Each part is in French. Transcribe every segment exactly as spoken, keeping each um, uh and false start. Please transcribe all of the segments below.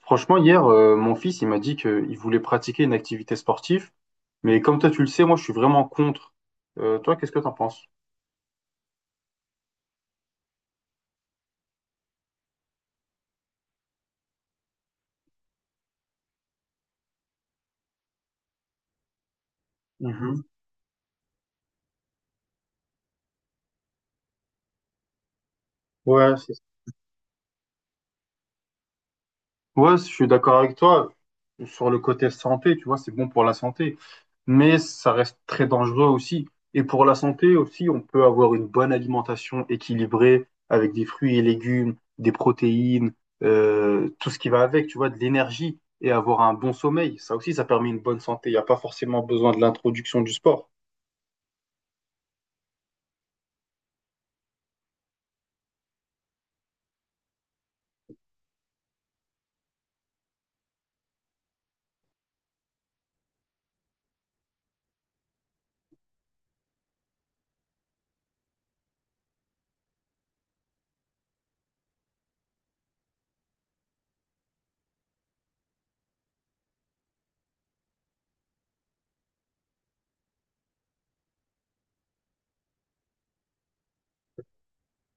Franchement, hier, euh, mon fils, il m'a dit qu'il voulait pratiquer une activité sportive, mais comme toi, tu le sais, moi, je suis vraiment contre. Euh, toi, qu'est-ce que t'en penses? Mhm. Ouais, c'est- Ouais, je suis d'accord avec toi sur le côté santé, tu vois, c'est bon pour la santé, mais ça reste très dangereux aussi. Et pour la santé aussi, on peut avoir une bonne alimentation équilibrée avec des fruits et légumes, des protéines, euh, tout ce qui va avec, tu vois, de l'énergie et avoir un bon sommeil. Ça aussi, ça permet une bonne santé. Il n'y a pas forcément besoin de l'introduction du sport.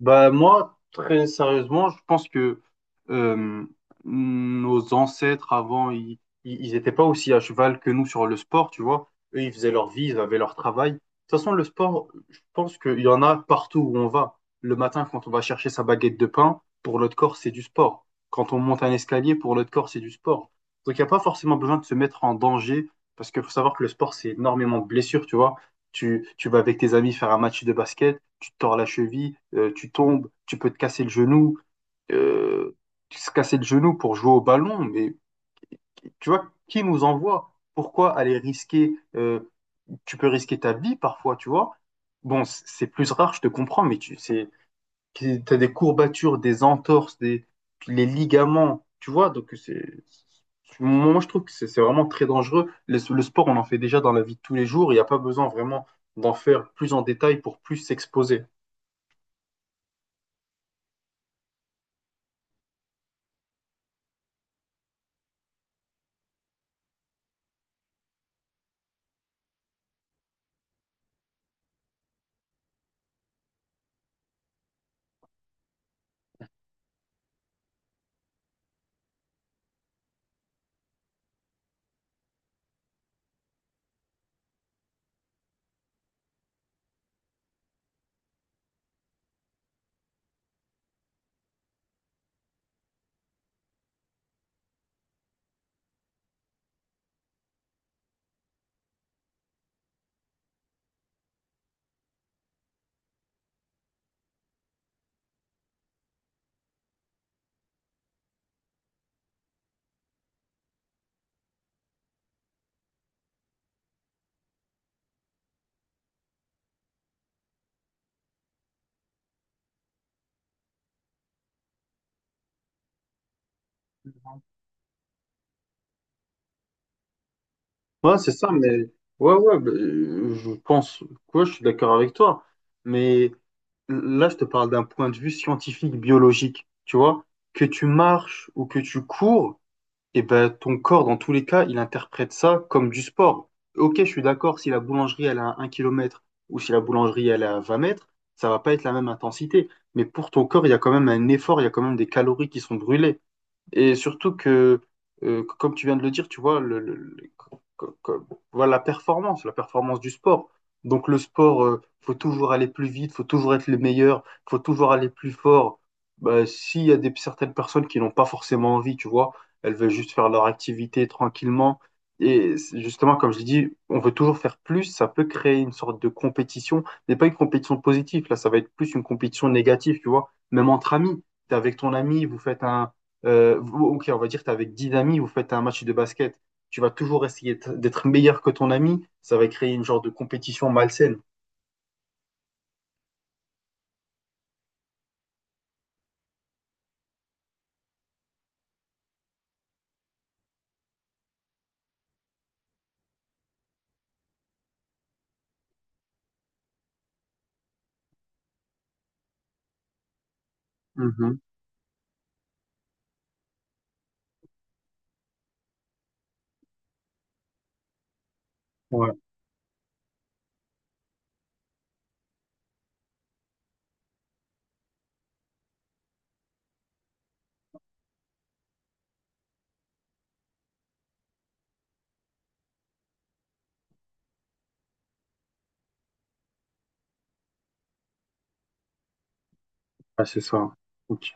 Bah, moi, très sérieusement, je pense que euh, nos ancêtres avant, ils, ils ils étaient pas aussi à cheval que nous sur le sport, tu vois. Eux, ils faisaient leur vie, ils avaient leur travail. De toute façon, le sport, je pense qu'il y en a partout où on va. Le matin, quand on va chercher sa baguette de pain, pour notre corps, c'est du sport. Quand on monte un escalier, pour notre corps, c'est du sport. Donc, il n'y a pas forcément besoin de se mettre en danger, parce qu'il faut savoir que le sport, c'est énormément de blessures, tu vois. Tu, tu vas avec tes amis faire un match de basket, tu te tords la cheville, euh, tu tombes, tu peux te casser le genou, euh, se casser le genou pour jouer au ballon. Mais tu vois, qui nous envoie? Pourquoi aller risquer? Euh, tu peux risquer ta vie parfois, tu vois. Bon, c- c'est plus rare, je te comprends, mais tu c'est, t'as des courbatures, des entorses, des, les ligaments, tu vois. Donc c'est, c'est- moi je trouve que c'est c'est vraiment très dangereux. Le, le sport, on en fait déjà dans la vie de tous les jours. Il n'y a pas besoin vraiment d'en faire plus en détail pour plus s'exposer. Ouais, c'est ça, mais ouais, ouais, bah, euh, je pense quoi, je suis d'accord avec toi. Mais là, je te parle d'un point de vue scientifique, biologique. Tu vois, que tu marches ou que tu cours, et ben ton corps, dans tous les cas, il interprète ça comme du sport. Ok, je suis d'accord, si la boulangerie elle est à un kilomètre ou si la boulangerie elle est à vingt mètres, ça va pas être la même intensité. Mais pour ton corps, il y a quand même un effort, il y a quand même des calories qui sont brûlées. Et surtout que, euh, comme tu viens de le dire, tu vois, le, le- le- co- co- co- voilà, la performance, la performance du sport. Donc le sport, euh, faut toujours aller plus vite, faut toujours être le meilleur, faut toujours aller plus fort. Bah, s'il y a des, certaines personnes qui n'ont pas forcément envie, tu vois, elles veulent juste faire leur activité tranquillement. Et c'est justement, comme je l'ai dit, on veut toujours faire plus, ça peut créer une sorte de compétition, mais pas une compétition positive, là, ça va être plus une compétition négative, tu vois, même entre amis. T'es avec ton ami, vous faites un euh, ok, on va dire, tu avec dix amis, vous faites un match de basket, tu vas toujours essayer d'être d'être meilleur que ton ami, ça va créer une genre de compétition malsaine. Mhm. Ouais, ouais, c'est ça. Ok.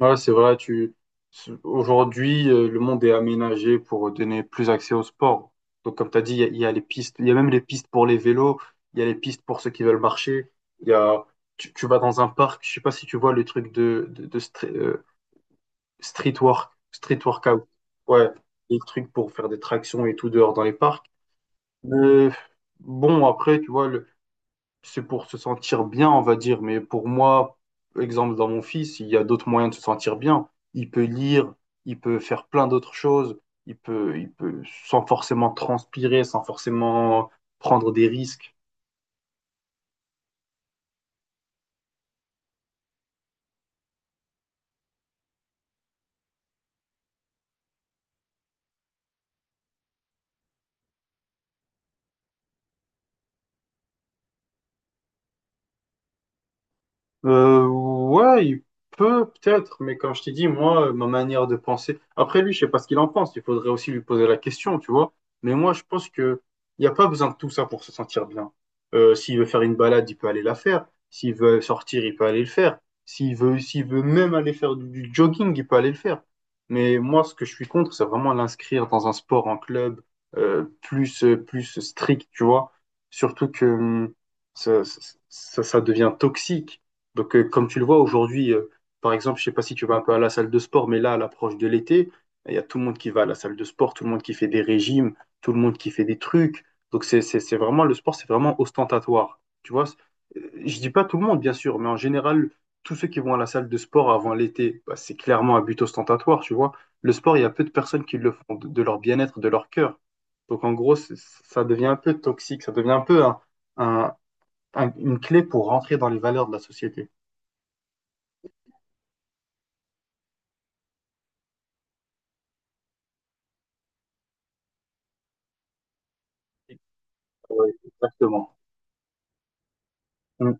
Ouais, c'est vrai, tu... c'est- aujourd'hui, euh, le monde est aménagé pour donner plus accès au sport. Donc, comme tu as dit, il y, a il y a les pistes, il y a même les pistes pour les vélos, il y a les pistes pour ceux qui veulent marcher, il y a... Tu, tu vas dans un parc, je sais pas si tu vois le truc de, de, de, street work, street workout. Ouais, des trucs pour faire des tractions et tout dehors dans les parcs. Mais bon, après, tu vois, le- c'est pour se sentir bien, on va dire. Mais pour moi, exemple, dans mon fils, il y a d'autres moyens de se sentir bien. Il peut lire, il peut faire plein d'autres choses. Il peut, il peut, sans forcément transpirer, sans forcément prendre des risques. Euh, ouais, il peut peut-être, mais comme je t'ai dit, moi, euh, ma manière de penser. Après lui, je sais pas ce qu'il en pense. Il faudrait aussi lui poser la question, tu vois. Mais moi, je pense que il n'y a pas besoin de tout ça pour se sentir bien. Euh, s'il veut faire une balade, il peut aller la faire. S'il veut sortir, il peut aller le faire. S'il veut, s'il veut même aller faire du, du jogging, il peut aller le faire. Mais moi, ce que je suis contre, c'est vraiment l'inscrire dans un sport en club euh, plus euh, plus strict, tu vois. Surtout que hum, ça, ça ça- ça devient toxique donc, euh, comme tu le vois aujourd'hui, euh, par exemple, je sais pas si tu vas un peu à la salle de sport, mais là, à l'approche de l'été, il y a tout le monde qui va à la salle de sport, tout le monde qui fait des régimes, tout le monde qui fait des trucs. Donc, c'est, c'est, c'est vraiment, le sport, c'est vraiment ostentatoire. Tu vois, c'est- Euh, je dis pas tout le monde, bien sûr, mais en général, tous ceux qui vont à la salle de sport avant l'été, bah, c'est clairement un but ostentatoire, tu vois. Le sport, il y a peu de personnes qui le font de, de leur bien-être, de leur cœur. Donc, en gros, c'est- ça devient un peu toxique, ça devient un peu un- un- un- une clé pour rentrer dans les valeurs de la société. Ouais, exactement. Mm.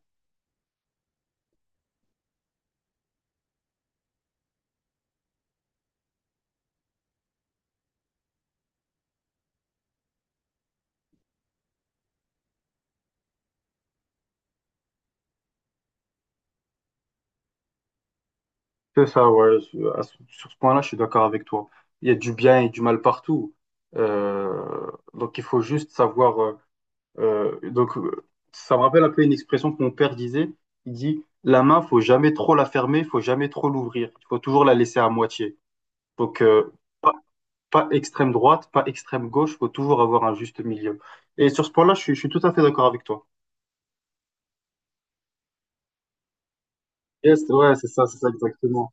C'est ça, ouais. je- à ce- Sur ce point-là, je suis d'accord avec toi. Il y a du bien et du mal partout. Euh, donc, il faut juste savoir. euh, euh, donc, euh, Ça me rappelle un peu une expression que mon père disait. Il dit, la main, faut jamais trop la fermer, faut jamais trop l'ouvrir. Il faut toujours la laisser à moitié. Donc, euh, pas, pas extrême droite, pas extrême gauche. Faut toujours avoir un juste milieu. Et sur ce point-là, je suis, je suis tout à fait d'accord avec toi. Yes, ouais, c'est ça, c'est ça exactement.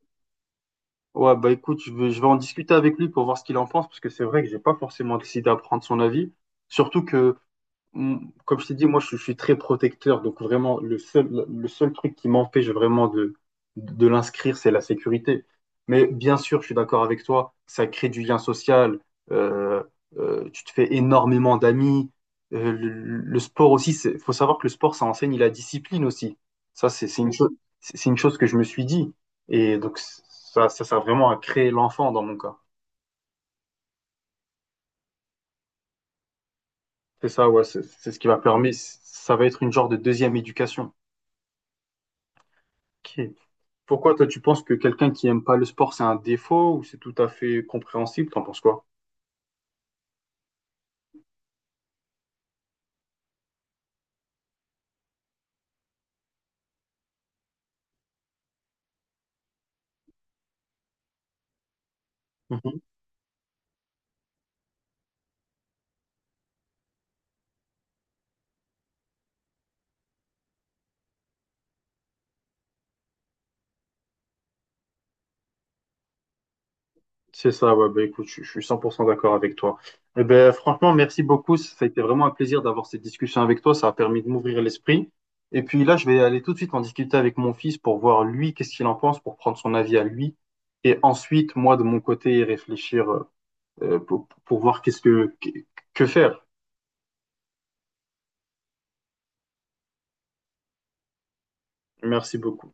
Ouais, bah écoute, je vais, je vais en discuter avec lui pour voir ce qu'il en pense, parce que c'est vrai que j'ai pas forcément décidé à prendre son avis. Surtout que comme je t'ai dit, moi, je, je suis très protecteur. Donc, vraiment, le seul, le seul truc qui m'empêche vraiment de, de l'inscrire, c'est la sécurité. Mais bien sûr, je suis d'accord avec toi, ça crée du lien social. euh, euh, Tu te fais énormément d'amis. Euh, le, le sport aussi, il faut savoir que le sport, ça enseigne la discipline aussi. Ça, c'est c'est une chose, c'est c'est une chose que je me suis dit. Et donc, ça, ça sert vraiment à créer l'enfant dans mon cas. C'est ça, ouais, c'est c'est ce qui va permettre, ça va être une genre de deuxième éducation. Ok. Pourquoi toi tu penses que quelqu'un qui aime pas le sport c'est un défaut ou c'est tout à fait compréhensible? T'en penses quoi? Mhm. C'est ça, ouais, bah écoute, je, je suis cent pour cent d'accord avec toi. Eh ben, franchement, merci beaucoup. Ça a été vraiment un plaisir d'avoir cette discussion avec toi. Ça a permis de m'ouvrir l'esprit. Et puis là, je vais aller tout de suite en discuter avec mon fils pour voir lui, qu'est-ce qu'il en pense, pour prendre son avis à lui. Et ensuite, moi, de mon côté, réfléchir euh, pour, pour voir qu'est-ce que, que que faire. Merci beaucoup.